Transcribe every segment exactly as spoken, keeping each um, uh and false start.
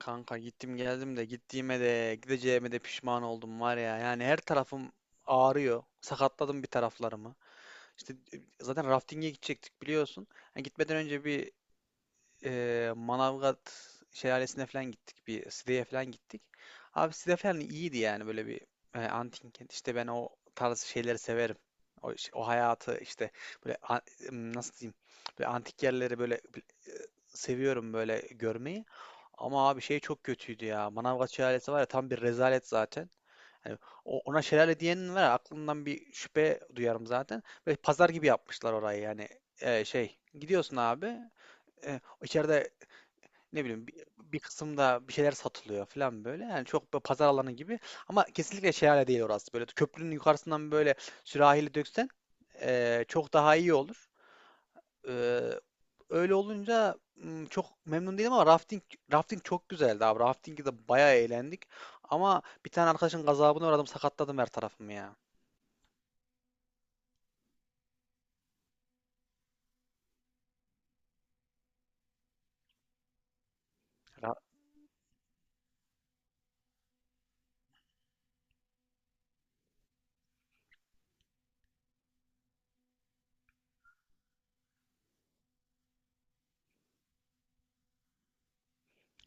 Kanka gittim geldim de gittiğime de gideceğime de pişman oldum var ya. Yani her tarafım ağrıyor. Sakatladım bir taraflarımı. İşte e, zaten rafting'e gidecektik biliyorsun. Yani gitmeden önce bir e, Manavgat şelalesine falan gittik. Bir Side'ye falan gittik. Abi Side falan iyiydi yani böyle bir e, antin kent. İşte ben o tarz şeyleri severim. O, iş- o hayatı işte böyle an- m, nasıl diyeyim böyle antik yerleri böyle e, seviyorum böyle görmeyi. Ama abi şey çok kötüydü ya. Manavgat şelalesi var ya tam bir rezalet zaten. Hani o- ona şelale diyenin var ya aklımdan bir şüphe duyarım zaten. Böyle pazar gibi yapmışlar orayı yani. E, şey gidiyorsun abi e, içeride ne bileyim bir, bir kısımda bir şeyler satılıyor falan böyle. Yani çok böyle pazar alanı gibi ama kesinlikle şelale değil orası. Böyle köprünün yukarısından böyle sürahiyle döksen eee, çok daha iyi olur. Eee, Öyle olunca m, çok memnun değilim ama rafting rafting çok güzeldi abi. Raftingde de bayağı eğlendik. Ama bir tane arkadaşın gazabına uğradım, sakatladım her tarafımı ya. Ra-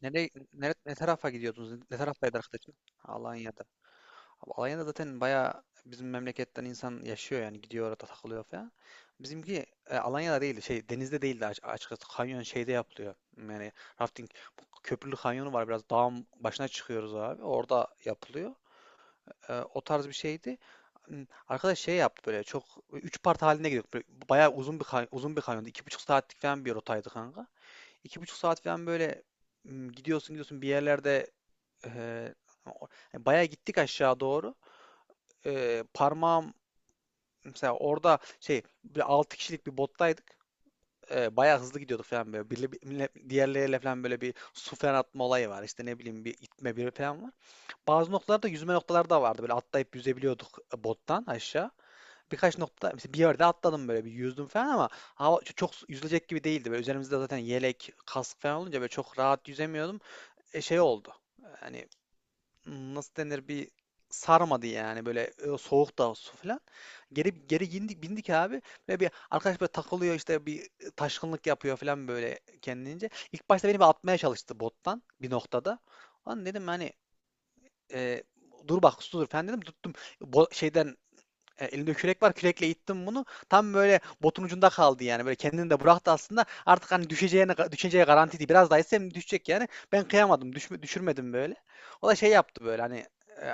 Nereye, nere, ne tarafa gidiyordunuz? Ne taraftaydı arkadaşın? Alanya'da. Abi Alanya'da zaten bayağı bizim memleketten insan yaşıyor yani gidiyor orada takılıyor falan. Bizimki e, Alanya'da değil şey denizde değil de aç- açıkçası kanyon şeyde yapılıyor. Yani rafting bu köprülü kanyonu var biraz dağın başına çıkıyoruz abi orada yapılıyor. E, o tarz bir şeydi. Hmm, Arkadaş şey yaptı böyle çok üç part halinde gidiyorduk. Böyle bayağı uzun bir kay- uzun bir kanyondu. iki buçuk saatlik falan bir rotaydı kanka. İki buçuk saat falan böyle hmm, gidiyorsun gidiyorsun bir yerlerde e, o- yani bayağı gittik aşağı doğru e, parmağım mesela orada şey bir altı kişilik bir bottaydık. E, bayağı hızlı gidiyordu falan böyle. Birle, birle- diğerleriyle falan böyle bir su falan atma olayı var. İşte ne bileyim bir itme bir falan var. Bazı noktalarda yüzme noktaları da vardı. Böyle atlayıp yüzebiliyorduk e, bottan aşağı. Birkaç nokta mesela bir yerde atladım böyle bir yüzdüm falan ama hava çok su- yüzülecek gibi değildi. Böyle üzerimizde zaten yelek, kask falan olunca böyle çok rahat yüzemiyordum. E, şey oldu. Hani nasıl denir bir sarmadı yani böyle e, soğuk da su falan. Geri geri indik bindik abi. Böyle bir arkadaş böyle takılıyor işte bir taşkınlık yapıyor falan böyle kendince. İlk başta beni bir atmaya çalıştı bottan bir noktada. Lan dedim hani e, dur bak su dur falan dedim tuttum. Bo- şeyden e, elimde kürek var kürekle ittim bunu. Tam böyle botun ucunda kaldı yani. Böyle kendini de bıraktı aslında. Artık hani düşeceğine düşeceği garantiydi. Biraz daha ise düşecek yani. Ben kıyamadım. Düşme, düşürmedim böyle. O da şey yaptı böyle hani e,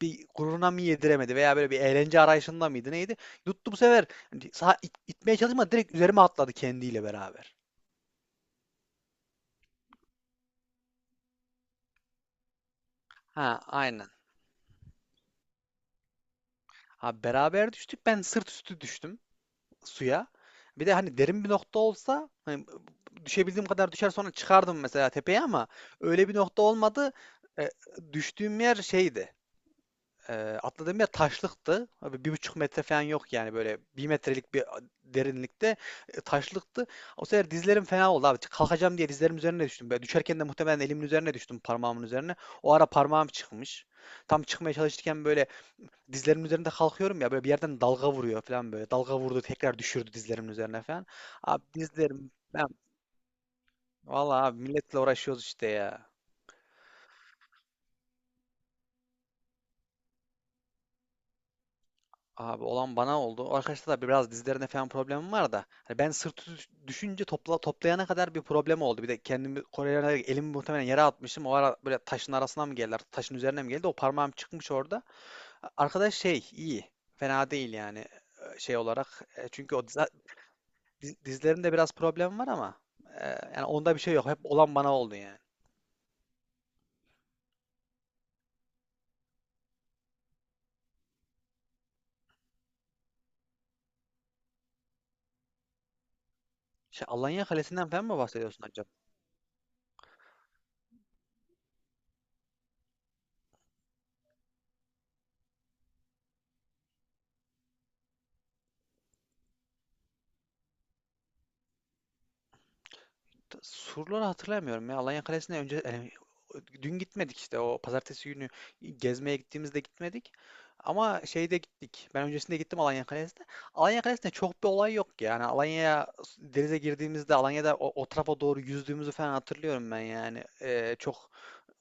bir gururuna mı yediremedi veya böyle bir eğlence arayışında mıydı neydi? Yuttu bu sefer hani sağ it- itmeye çalışmadı direkt üzerime atladı kendiyle beraber. Ha aynen. Abi beraber düştük ben sırt üstü düştüm suya. Bir de hani derin bir nokta olsa hani düşebildiğim kadar düşer sonra çıkardım mesela tepeye ama öyle bir nokta olmadı. E, Düştüğüm yer şeydi. Ee, Atladığım yer taşlıktı. Abi bir buçuk metre falan yok yani böyle bir metrelik bir derinlikte e, taşlıktı. O sefer dizlerim fena oldu abi. Kalkacağım diye dizlerim üzerine düştüm. Böyle düşerken de muhtemelen elimin üzerine düştüm parmağımın üzerine. O ara parmağım çıkmış. Tam çıkmaya çalışırken böyle dizlerimin üzerinde kalkıyorum ya böyle bir yerden dalga vuruyor falan böyle. Dalga vurdu tekrar düşürdü dizlerimin üzerine falan. Abi dizlerim ben vallahi abi milletle uğraşıyoruz işte ya. Abi olan bana oldu. O arkadaşlar da biraz dizlerinde falan problemim var da. Hani ben sırtı düş- düşünce topla, toplayana kadar bir problem oldu. Bir de kendimi Korelere elimi muhtemelen yere atmıştım. O ara böyle taşın arasına mı geldiler? Taşın üzerine mi geldi? O parmağım çıkmış orada. A- Arkadaş şey iyi. Fena değil yani e, şey olarak. E, Çünkü o diz- diz- dizlerinde biraz problem var ama e, yani onda bir şey yok. Hep olan bana oldu yani. Şey, Alanya Kalesi'nden falan mı bahsediyorsun acaba? Surları hatırlamıyorum ya. Alanya Kalesi'ne önce yani, dün gitmedik işte o pazartesi günü gezmeye gittiğimizde gitmedik. Ama şeyde gittik. Ben öncesinde gittim Alanya Kalesi'ne. Alanya Kalesi'nde çok bir olay yok yani. Alanya'ya denize girdiğimizde Alanya'da o, o tarafa doğru yüzdüğümüzü falan hatırlıyorum ben yani. Ee, çok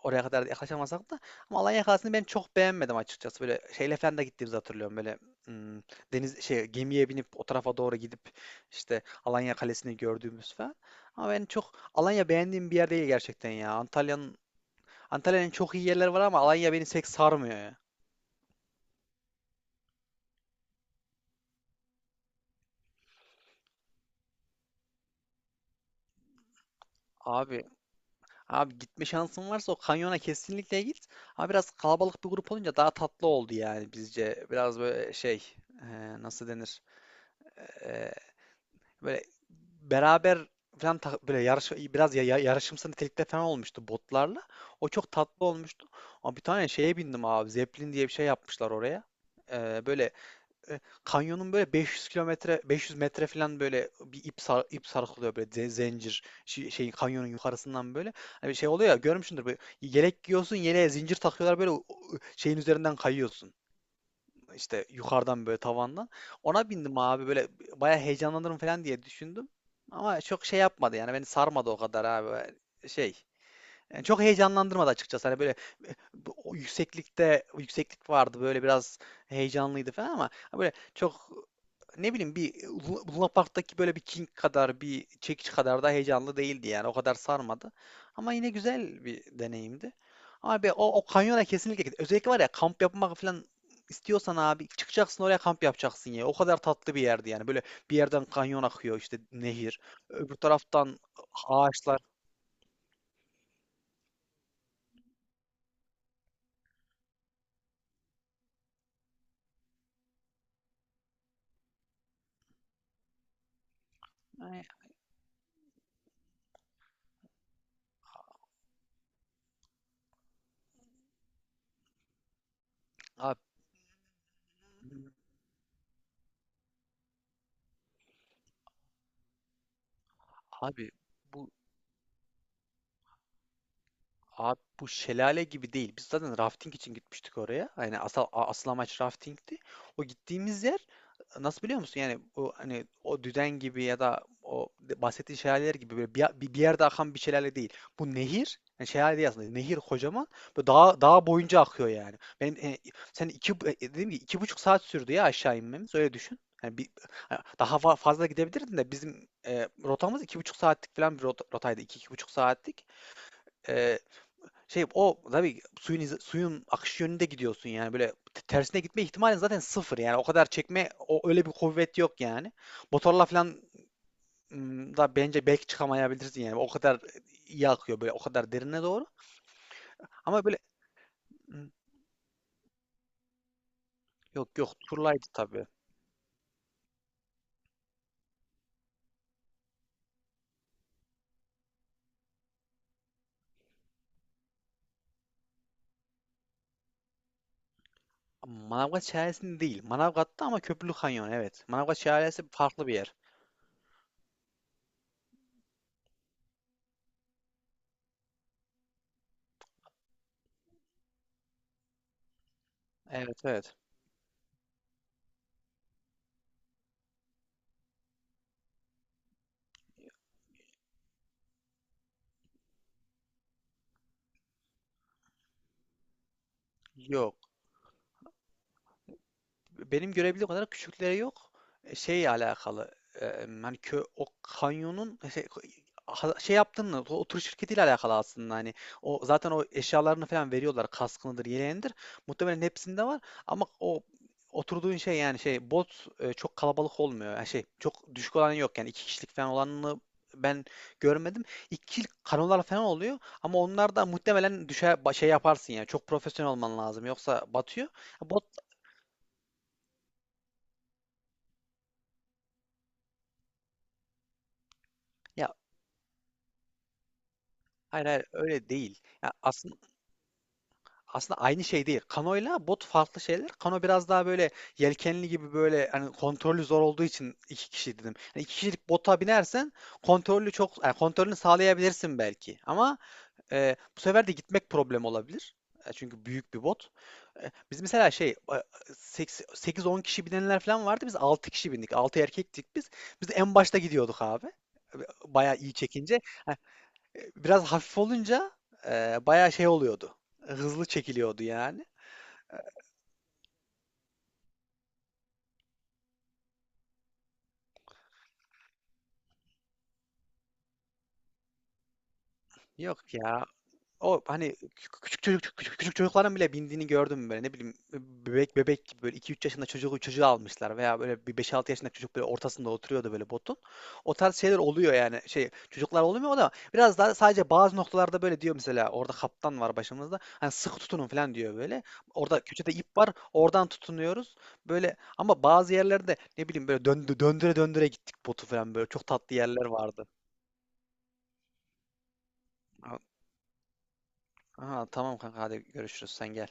oraya kadar yaklaşamasak da ama Alanya Kalesi'ni ben çok beğenmedim açıkçası. Böyle şeyle falan da gittiğimizi hatırlıyorum. Böyle hmm, deniz şey gemiye binip o tarafa doğru gidip işte Alanya Kalesi'ni gördüğümüz falan. Ama ben çok Alanya beğendiğim bir yer değil gerçekten ya. Antalya'nın Antalya'nın çok iyi yerleri var ama Alanya beni pek sarmıyor ya. Abi abi gitme şansın varsa o kanyona kesinlikle git. Ama biraz kalabalık bir grup olunca daha tatlı oldu yani bizce. Biraz böyle şey e, nasıl denir? E, Böyle beraber falan tak- böyle yarış biraz ya, ya- yarışımsı nitelikte falan olmuştu botlarla. O çok tatlı olmuştu. Ama bir tane şeye bindim abi. Zeppelin diye bir şey yapmışlar oraya. Ee, böyle e, kanyonun böyle beş yüz kilometre beş yüz metre falan böyle bir ip sar, ip sarkılıyor böyle ze- zincir şey, şey kanyonun yukarısından böyle. Hani şey oluyor ya görmüşsündür böyle yelek giyiyorsun yeleğe zincir takıyorlar böyle o- o şeyin üzerinden kayıyorsun işte yukarıdan böyle tavandan. Ona bindim abi böyle bayağı heyecanlanırım falan diye düşündüm. Ama çok şey yapmadı yani beni sarmadı o kadar abi. Şey yani çok heyecanlandırmadı açıkçası. Hani böyle e, bu- o yükseklikte yükseklik vardı. Böyle biraz heyecanlıydı falan ama hani böyle çok e, ne bileyim bir Lu- Luna Park'taki böyle bir King kadar bir çekiç kadar da heyecanlı değildi yani. O kadar sarmadı. Ama yine güzel bir deneyimdi. Ama be, o, o kanyona kesinlikle git. Özellikle var ya kamp yapmak falan istiyorsan abi çıkacaksın oraya kamp yapacaksın ya. O kadar tatlı bir yerdi yani. Böyle bir yerden kanyon akıyor işte nehir. Öbür taraftan ağaçlar. Ay, Abi Abi bu abi bu şelale gibi değil. Biz zaten rafting için gitmiştik oraya. Yani asıl a- asıl amaç raftingti. O gittiğimiz yer e, nasıl biliyor musun? Yani o hani o düden gibi ya da o de- bahsettiğin şelaleler gibi böyle bir, bir bir yerde akan bir şelale değil. Bu nehir, yani şelale değil aslında. Nehir kocaman ve dağ dağ boyunca akıyor yani. Ben e, sen iki bu- e, dedim ki iki buçuk saat sürdü ya aşağı inmemiz. Öyle düşün. Yani bir, Ha, daha fa- fazla gidebilirdin de bizim e, rotamız iki buçuk saatlik falan bir rota- rotaydı. İki, iki buçuk saatlik. Ee, Şey o tabii suyun izi- suyun akış yönünde gidiyorsun yani böyle t- tersine gitme ihtimalin zaten sıfır yani o kadar çekme o öyle bir kuvvet yok yani. Motorla falan ım, da bence belki çıkamayabilirsin yani o kadar iyi akıyor böyle o kadar derine doğru ama böyle ım, yok yok turlaydı tabii. Manavgat Şelalesi'nde değil. Manavgat'ta ama Köprülü Kanyon evet. Manavgat Şelalesi farklı bir yer. Evet evet. Yok. Benim görebildiğim kadar küçükleri yok. E, Şeyle alakalı. e, Hani kö, o kanyonun e, şey, ha- şey yaptığını, o o tur şirketiyle alakalı aslında hani o zaten o eşyalarını falan veriyorlar kaskınıdır yeleğindir muhtemelen hepsinde var ama o oturduğun şey yani şey bot e, çok kalabalık olmuyor yani şey çok düşük olan yok yani iki kişilik falan olanını ben görmedim iki kişilik kanolar falan oluyor ama onlar da muhtemelen düşer ba- şey yaparsın yani çok profesyonel olman lazım yoksa batıyor bot. Hayır hayır öyle değil. Ya aslında aslında aynı şey değil. Kano'yla bot farklı şeyler. Kano biraz daha böyle yelkenli gibi böyle hani kontrolü zor olduğu için iki kişi dedim. Hani iki kişilik bota binersen kontrolü çok yani kontrolünü sağlayabilirsin belki. Ama e, bu sefer de gitmek problem olabilir. E, çünkü büyük bir bot. E, biz mesela şey sekiz on kişi binenler falan vardı. Biz altı kişi bindik. Altı erkektik biz. Biz en başta gidiyorduk abi. E, Bayağı iyi çekince. Biraz hafif olunca eee bayağı şey oluyordu. Hızlı çekiliyordu yani. Yok ya. O hani küçük küçük çocuk küçük, küçük çocukların bile bindiğini gördüm mü böyle ne bileyim bebek bebek gibi böyle iki üç yaşında çocuğu çocuğu almışlar veya böyle bir beş altı yaşında çocuk böyle ortasında oturuyordu böyle botun. O tarz şeyler oluyor yani şey çocuklar olmuyor o da biraz daha sadece bazı noktalarda böyle diyor mesela orada kaptan var başımızda hani sıkı tutunun falan diyor böyle. Orada köşede ip var oradan tutunuyoruz böyle ama bazı yerlerde ne bileyim böyle döndü, döndüre döndüre gittik botu falan böyle çok tatlı yerler vardı. Ha, tamam kanka hadi görüşürüz sen gel.